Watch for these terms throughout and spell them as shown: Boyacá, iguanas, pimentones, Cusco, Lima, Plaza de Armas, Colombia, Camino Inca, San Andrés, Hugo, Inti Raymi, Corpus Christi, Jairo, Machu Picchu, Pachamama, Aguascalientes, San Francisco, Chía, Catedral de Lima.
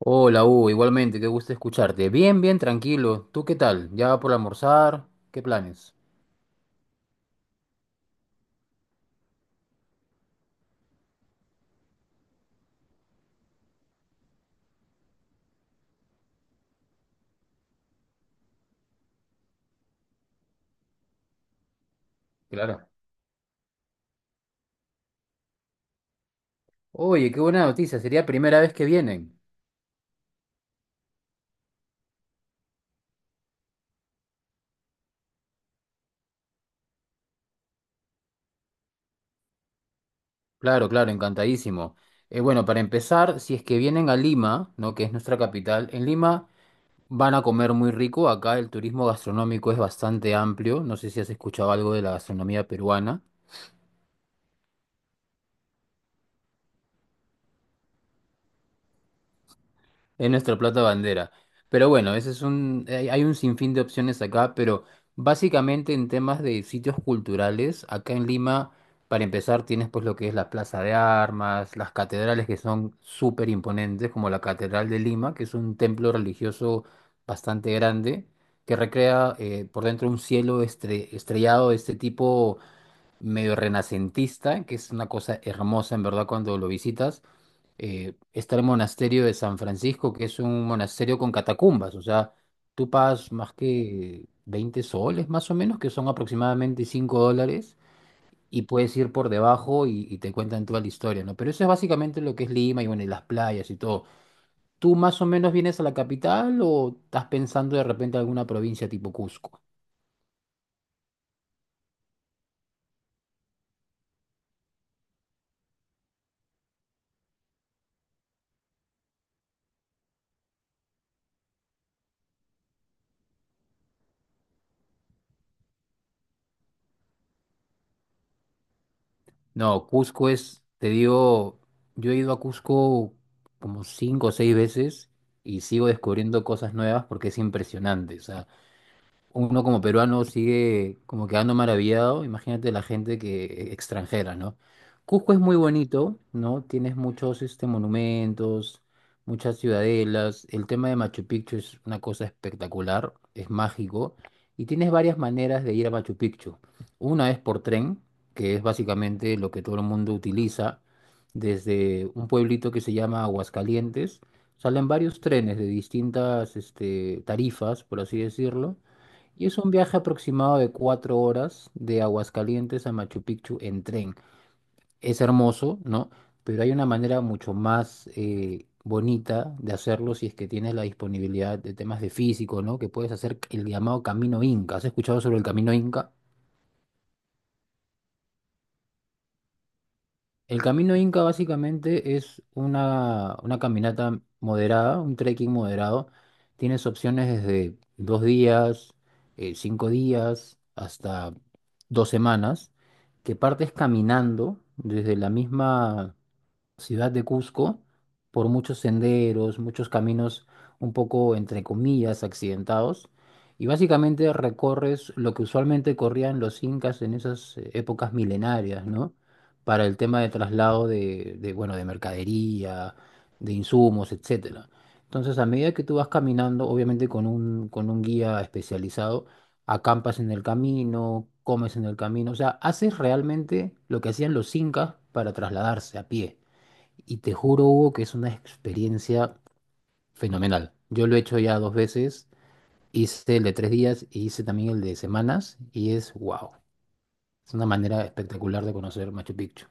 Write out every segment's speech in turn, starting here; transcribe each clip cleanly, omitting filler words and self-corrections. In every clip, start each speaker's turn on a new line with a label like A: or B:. A: Hola, Hugo, igualmente, qué gusto escucharte. Bien, bien, tranquilo. ¿Tú qué tal? ¿Ya por almorzar? ¿Qué planes? Claro. Oye, qué buena noticia, sería primera vez que vienen. Claro, claro, encantadísimo. Bueno, para empezar, si es que vienen a Lima, ¿no? Que es nuestra capital, en Lima van a comer muy rico. Acá el turismo gastronómico es bastante amplio. No sé si has escuchado algo de la gastronomía peruana. Es nuestro plato bandera. Pero bueno, ese es un, hay un sinfín de opciones acá, pero básicamente en temas de sitios culturales, acá en Lima, para empezar, tienes pues lo que es la Plaza de Armas, las catedrales que son súper imponentes, como la Catedral de Lima, que es un templo religioso bastante grande, que recrea por dentro un cielo estrellado de este tipo medio renacentista, que es una cosa hermosa en verdad cuando lo visitas. Eh, está el monasterio de San Francisco, que es un monasterio con catacumbas, o sea, tú pagas más que 20 soles más o menos, que son aproximadamente 5 dólares, y puedes ir por debajo y te cuentan toda la historia, ¿no? Pero eso es básicamente lo que es Lima y bueno, y las playas y todo. ¿Tú más o menos vienes a la capital o estás pensando de repente alguna provincia tipo Cusco? No, Cusco es, te digo, yo he ido a Cusco como cinco o seis veces y sigo descubriendo cosas nuevas porque es impresionante. O sea, uno como peruano sigue como quedando maravillado. Imagínate la gente que extranjera, ¿no? Cusco es muy bonito, ¿no? Tienes muchos este, monumentos, muchas ciudadelas. El tema de Machu Picchu es una cosa espectacular, es mágico. Y tienes varias maneras de ir a Machu Picchu. Una es por tren, que es básicamente lo que todo el mundo utiliza, desde un pueblito que se llama Aguascalientes. Salen varios trenes de distintas este, tarifas, por así decirlo, y es un viaje aproximado de 4 horas de Aguascalientes a Machu Picchu en tren. Es hermoso, ¿no? Pero hay una manera mucho más bonita de hacerlo si es que tienes la disponibilidad de temas de físico, ¿no? Que puedes hacer el llamado Camino Inca. ¿Has escuchado sobre el Camino Inca? El camino Inca básicamente es una caminata moderada, un trekking moderado. Tienes opciones desde dos días, cinco días, hasta dos semanas, que partes caminando desde la misma ciudad de Cusco por muchos senderos, muchos caminos un poco, entre comillas, accidentados. Y básicamente recorres lo que usualmente corrían los incas en esas épocas milenarias, ¿no? Para el tema de traslado de, bueno, de mercadería, de insumos, etcétera. Entonces, a medida que tú vas caminando, obviamente con un guía especializado, acampas en el camino, comes en el camino, o sea, haces realmente lo que hacían los incas para trasladarse a pie. Y te juro, Hugo, que es una experiencia fenomenal. Yo lo he hecho ya dos veces, hice el de tres días y hice también el de semanas y es wow. Es una manera espectacular de conocer Machu Picchu.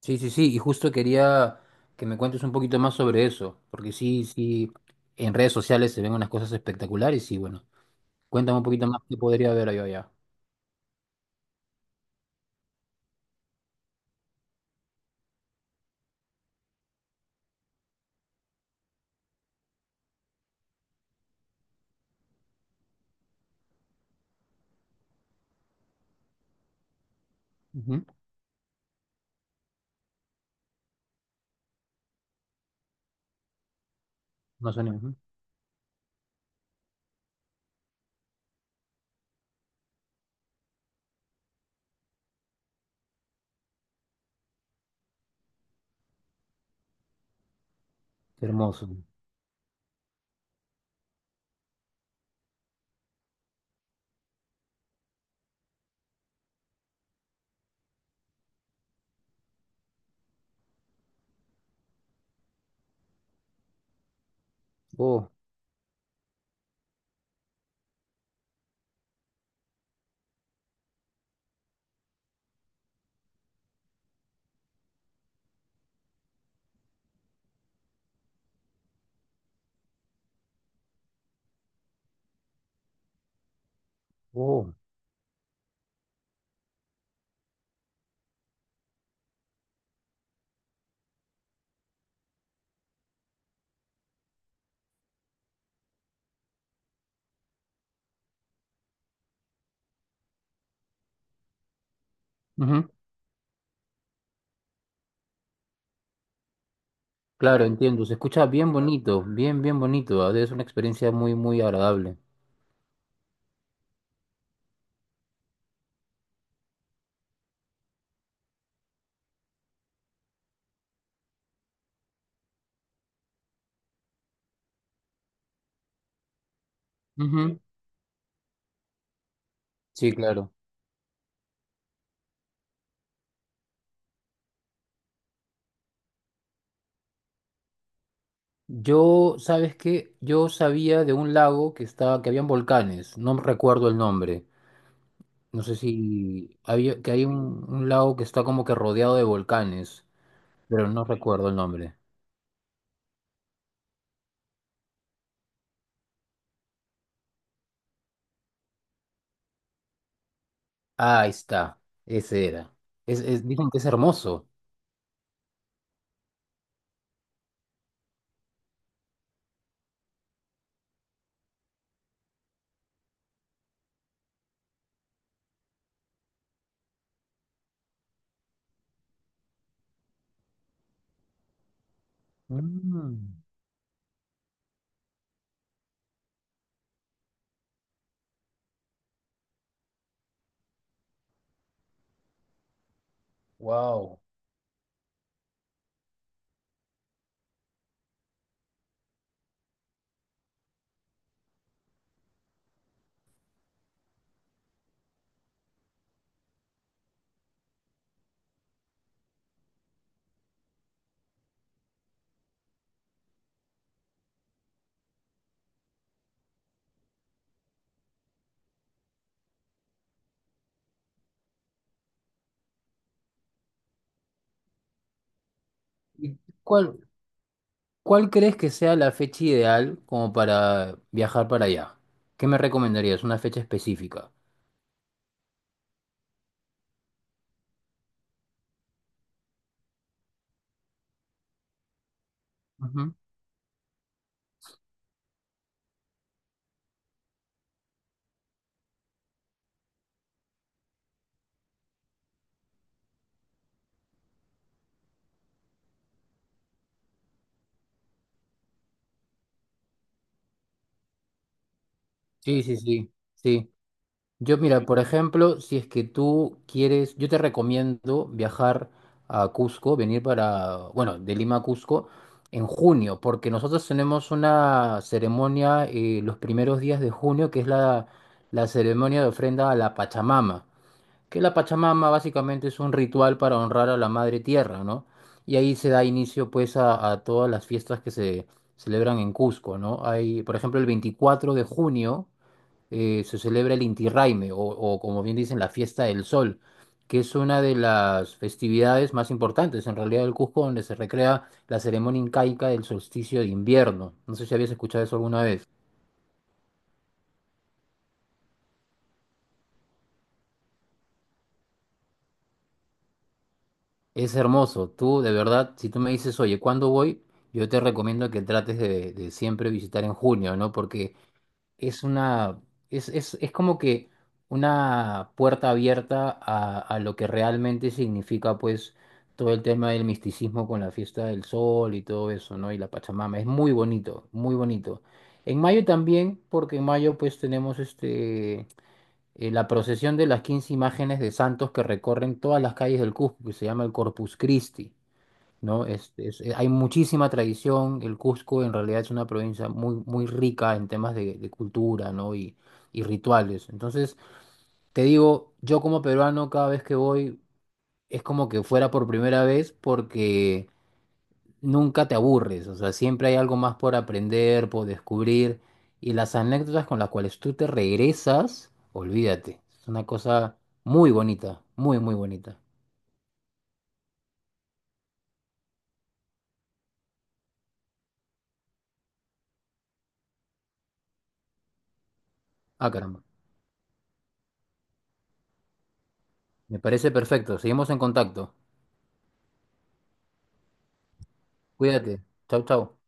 A: Sí, sí, sí, y justo quería que me cuentes un poquito más sobre eso, porque sí, sí, en redes sociales se ven unas cosas espectaculares y bueno, cuéntame un poquito más qué podría ver yo allá. Ujú. Más o menos, ujú. Qué hermoso. Oh, oh. Ujú. Claro, entiendo. Se escucha bien bonito, bien, bien bonito. Es una experiencia muy, muy agradable. Ujú. Sí, claro. Yo, ¿sabes qué? Yo sabía de un lago que estaba, que habían volcanes. No recuerdo el nombre. No sé si había, que hay un lago que está como que rodeado de volcanes, pero no recuerdo el nombre. Ah, ahí está. Ese era. Es- dicen que es hermoso. Mm, wow. ¿Y cuál? ¿Cuál crees que sea la fecha ideal como para viajar para allá? ¿Qué me recomendarías? Una fecha específica. Ujú. Sí, sí, sí, sí. Yo, mira, por ejemplo, si es que tú quieres, yo te recomiendo viajar a Cusco, venir para, bueno, de Lima a Cusco en junio, porque nosotros tenemos una ceremonia los primeros días de junio, que es la, la ceremonia de ofrenda a la Pachamama. Que la Pachamama básicamente es un ritual para honrar a la Madre Tierra, ¿no? Y ahí se da inicio pues a todas las fiestas que se celebran en Cusco, ¿no? Hay, por ejemplo, el 24 de junio se celebra el Inti Raymi, o como bien dicen, la Fiesta del Sol, que es una de las festividades más importantes en realidad del Cusco, donde se recrea la ceremonia incaica del solsticio de invierno. No sé si habías escuchado eso alguna vez. Es hermoso. Tú, de verdad, si tú me dices, oye, ¿cuándo voy? Yo te recomiendo que trates de siempre visitar en junio, ¿no? Porque es una, es como que una puerta abierta a lo que realmente significa, pues, todo el tema del misticismo con la fiesta del sol y todo eso, ¿no? Y la Pachamama. Es muy bonito, muy bonito. En mayo también, porque en mayo, pues, tenemos este la procesión de las 15 imágenes de santos que recorren todas las calles del Cusco, que se llama el Corpus Christi, ¿no? Es- hay muchísima tradición, el Cusco en realidad es una provincia muy, muy rica en temas de cultura, ¿no? Y rituales. Entonces, te digo, yo como peruano cada vez que voy es como que fuera por primera vez porque nunca te aburres, o sea, siempre hay algo más por aprender, por descubrir, y las anécdotas con las cuales tú te regresas, olvídate, es una cosa muy bonita, muy, muy bonita. Ah, caramba, me parece perfecto, seguimos en contacto, cuídate, chau, chau.